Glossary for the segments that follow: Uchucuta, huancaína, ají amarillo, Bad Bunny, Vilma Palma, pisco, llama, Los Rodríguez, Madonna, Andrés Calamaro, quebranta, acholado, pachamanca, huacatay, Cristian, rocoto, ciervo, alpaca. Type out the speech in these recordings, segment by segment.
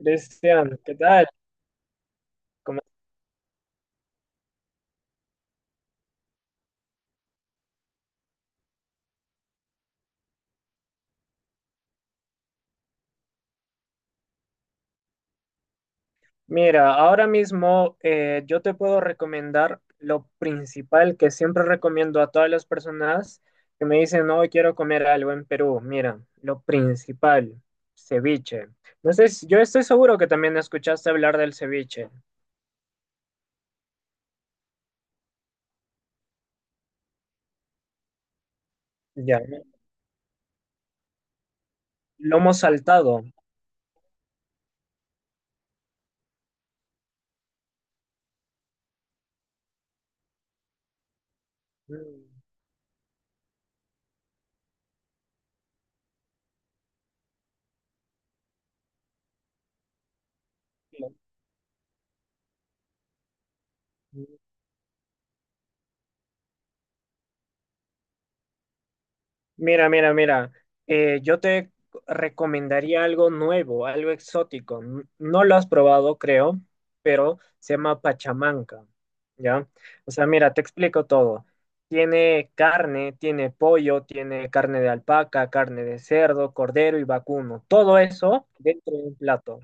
Cristian, ¿qué tal? ¿Cómo- Mira, ahora mismo yo te puedo recomendar lo principal que siempre recomiendo a todas las personas que me dicen, no, quiero comer algo en Perú. Mira, lo principal, ceviche. No sé, si- yo estoy seguro que también escuchaste hablar del ceviche. Ya, lomo saltado. Mm. Mira, yo te recomendaría algo nuevo, algo exótico. N- No lo has probado, creo, pero se llama pachamanca, ¿ya? O sea, mira, te explico todo. Tiene carne, tiene pollo, tiene carne de alpaca, carne de cerdo, cordero y vacuno. Todo eso dentro de un plato.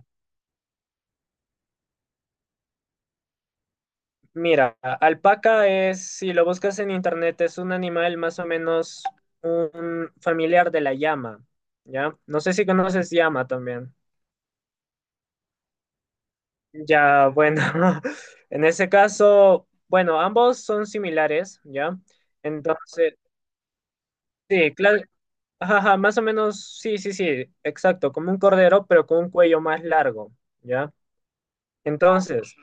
Mira, a- alpaca es, si lo buscas en internet, es un animal más o menos un familiar de la llama, ¿ya? No sé si conoces llama también. Ya, bueno, en ese caso, bueno, ambos son similares, ¿ya? Entonces, sí, claro, ajá, más o menos, sí, sí, sí, exacto, como un cordero, pero con un cuello más largo, ¿ya? Entonces,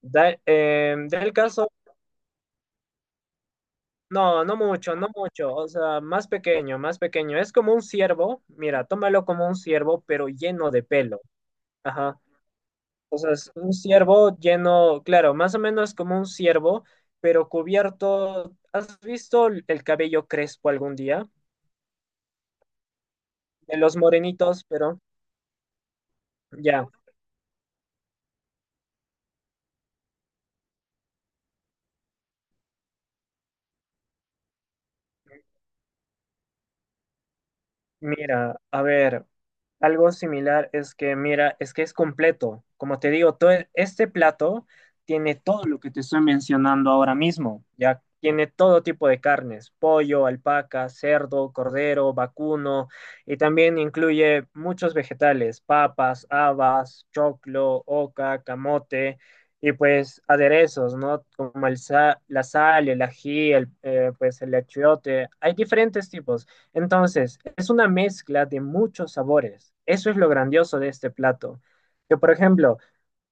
da, del caso, no, no mucho, no mucho, o sea, más pequeño, es como un ciervo, mira, tómalo como un ciervo, pero lleno de pelo, ajá. O sea, es un ciervo lleno, claro, más o menos como un ciervo, pero cubierto. ¿Has visto el cabello crespo algún día? De los morenitos, pero ya. Mira, a ver, algo similar es que, mira, es que es completo. Como te digo, todo e- este plato tiene todo lo que te estoy mencionando ahora mismo. Ya tiene todo tipo de carnes, pollo, alpaca, cerdo, cordero, vacuno, y también incluye muchos vegetales, papas, habas, choclo, oca, camote, y pues aderezos, ¿no? Como el sa- la sal, el ají, pues el achiote. Hay diferentes tipos. Entonces, es una mezcla de muchos sabores. Eso es lo grandioso de este plato. Que, por ejemplo,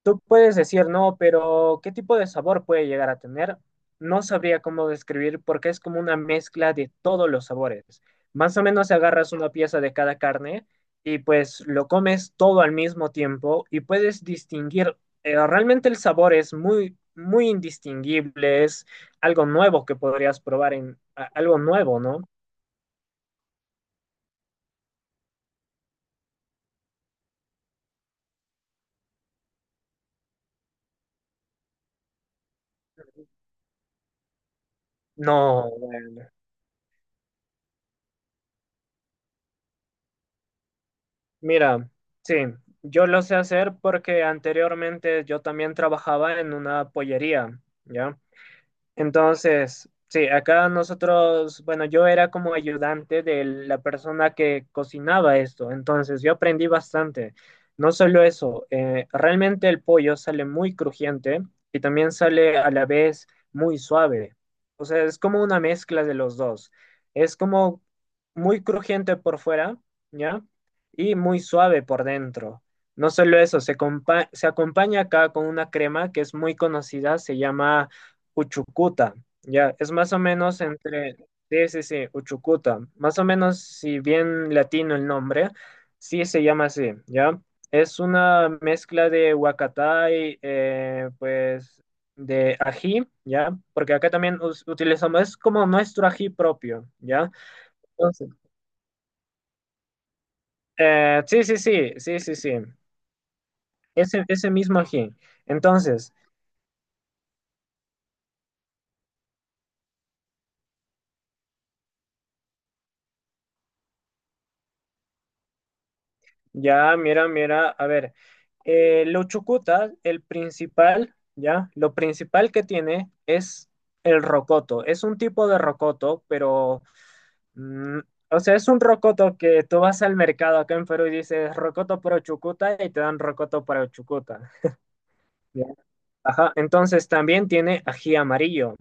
tú puedes decir, no, pero ¿qué tipo de sabor puede llegar a tener? No sabría cómo describir porque es como una mezcla de todos los sabores. Más o menos agarras una pieza de cada carne y pues lo comes todo al mismo tiempo y puedes distinguir, realmente el sabor es muy, muy indistinguible, es algo nuevo que podrías probar en a- algo nuevo, ¿no? No, bueno. Mira, sí, yo lo sé hacer porque anteriormente yo también trabajaba en una pollería, ¿ya? Entonces, sí, acá nosotros, bueno, yo era como ayudante de la persona que cocinaba esto, entonces yo aprendí bastante. No solo eso, realmente el pollo sale muy crujiente y también sale a la vez muy suave. O sea, es como una mezcla de los dos. Es como muy crujiente por fuera, ¿ya? Y muy suave por dentro. No solo eso, se, compa- se acompaña acá con una crema que es muy conocida, se llama Uchucuta, ya, es más o menos entre, sí, sí, sí, Uchucuta, más o menos, si bien latino el nombre, sí se llama así, ya, es una mezcla de huacatay, pues, de ají, ya, porque acá también us- utilizamos, es como nuestro ají propio, ya, entonces, sí, sí, sí, sí, sí, sí, ese mismo ají, entonces, Ya, mira, a ver, los chucutas, el principal, ya, lo principal que tiene es el rocoto. Es un tipo de rocoto, pero, mm, o sea, es un rocoto que tú vas al mercado acá en Perú y dices rocoto para chucuta y te dan rocoto para chucuta. Ajá, entonces también tiene ají amarillo,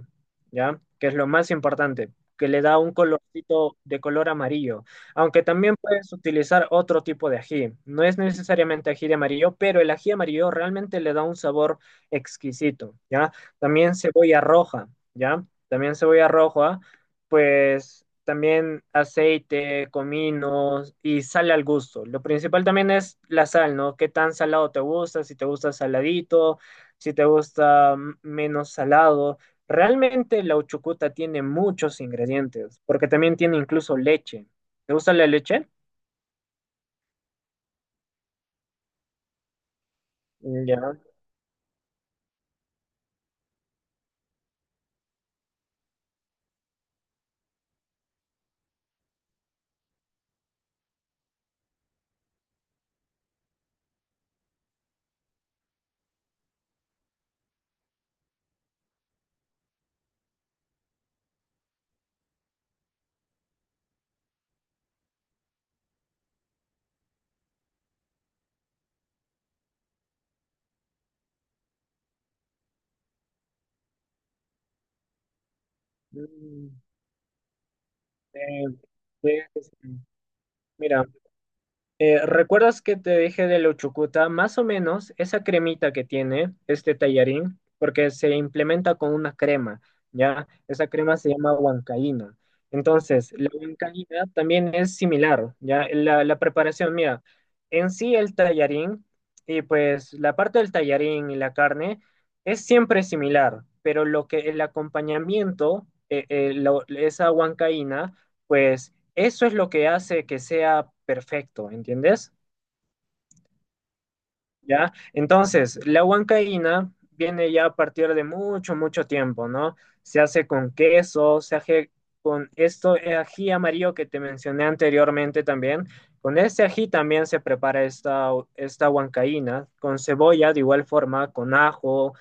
¿ya? Que es lo más importante, que le da un colorcito de color amarillo. Aunque también puedes utilizar otro tipo de ají. No es necesariamente ají de amarillo, pero el ají amarillo realmente le da un sabor exquisito, ¿ya? También cebolla roja, ¿ya? También cebolla roja, pues también aceite, comino y sal al gusto. Lo principal también es la sal, ¿no? ¿Qué tan salado te gusta? Si te gusta saladito si te gusta menos salado. Realmente la uchucuta tiene muchos ingredientes, porque también tiene incluso leche. ¿Te gusta la leche? Ya. Mm, eh, eh, Mira, ¿recuerdas que te dije de la uchucuta? Más o menos esa cremita que tiene este tallarín, porque se implementa con una crema, ¿ya? Esa crema se llama huancaína. Entonces, la huancaína también es similar, ¿ya? La preparación, mira, en sí el tallarín y pues la parte del tallarín y la carne es siempre similar, pero lo que el acompañamiento, lo- esa huancaína, pues eso es lo que hace que sea perfecto, ¿entiendes? ¿Ya? Entonces, la huancaína viene ya a partir de mucho, mucho tiempo, ¿no? Se hace con queso, se hace con esto, ají amarillo que te mencioné anteriormente también. Con este ají también se prepara esta huancaína, con cebolla de igual forma, con ajo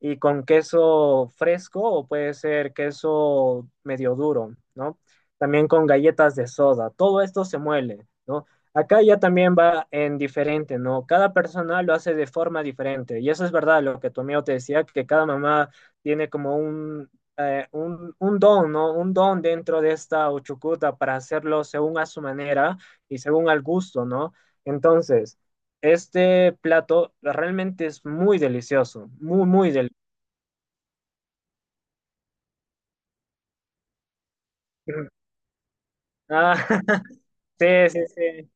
y con queso fresco o puede ser queso medio duro, ¿no? También con galletas de soda. Todo esto se muele. ¿No? Acá ya también va en diferente, ¿no? Cada persona lo hace de forma diferente. Y eso es verdad, lo que tu amigo te decía, que cada mamá tiene como un don, ¿no? Un don dentro de esta uchucuta para hacerlo según a su manera y según al gusto, ¿no? Entonces, este plato realmente es muy delicioso, muy, muy delicioso. Ah, sí, sí, sí.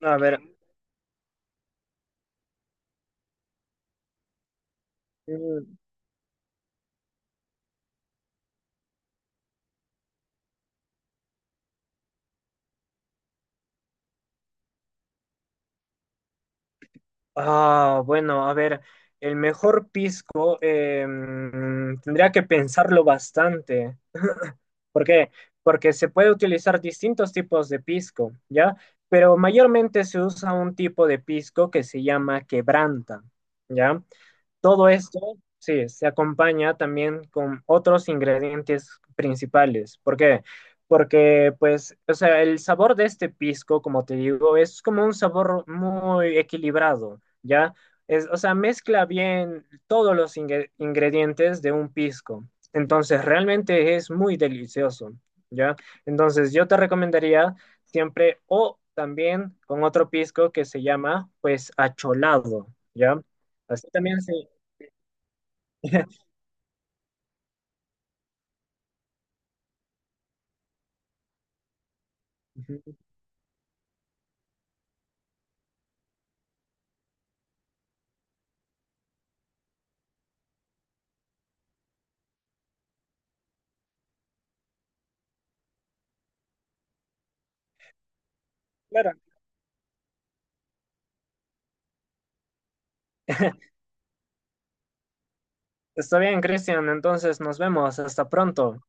A ver. mm, Ah, bueno, a ver, el mejor pisco tendría que pensarlo bastante. ¿Por qué? Porque se puede utilizar distintos tipos de pisco, ¿ya? Pero mayormente se usa un tipo de pisco que se llama quebranta, ¿ya? Todo esto, sí, se acompaña también con otros ingredientes principales. ¿Por qué? Porque, pues, o sea, el sabor de este pisco, como te digo, es como un sabor muy equilibrado, ¿ya? Es, o sea, mezcla bien todos los ingredientes de un pisco. Entonces, realmente es muy delicioso, ¿ya? Entonces, yo te recomendaría siempre o también con otro pisco que se llama, pues, acholado, ¿ya? Así también se, Claro. Está bien, Cristian. Entonces nos vemos. Hasta pronto.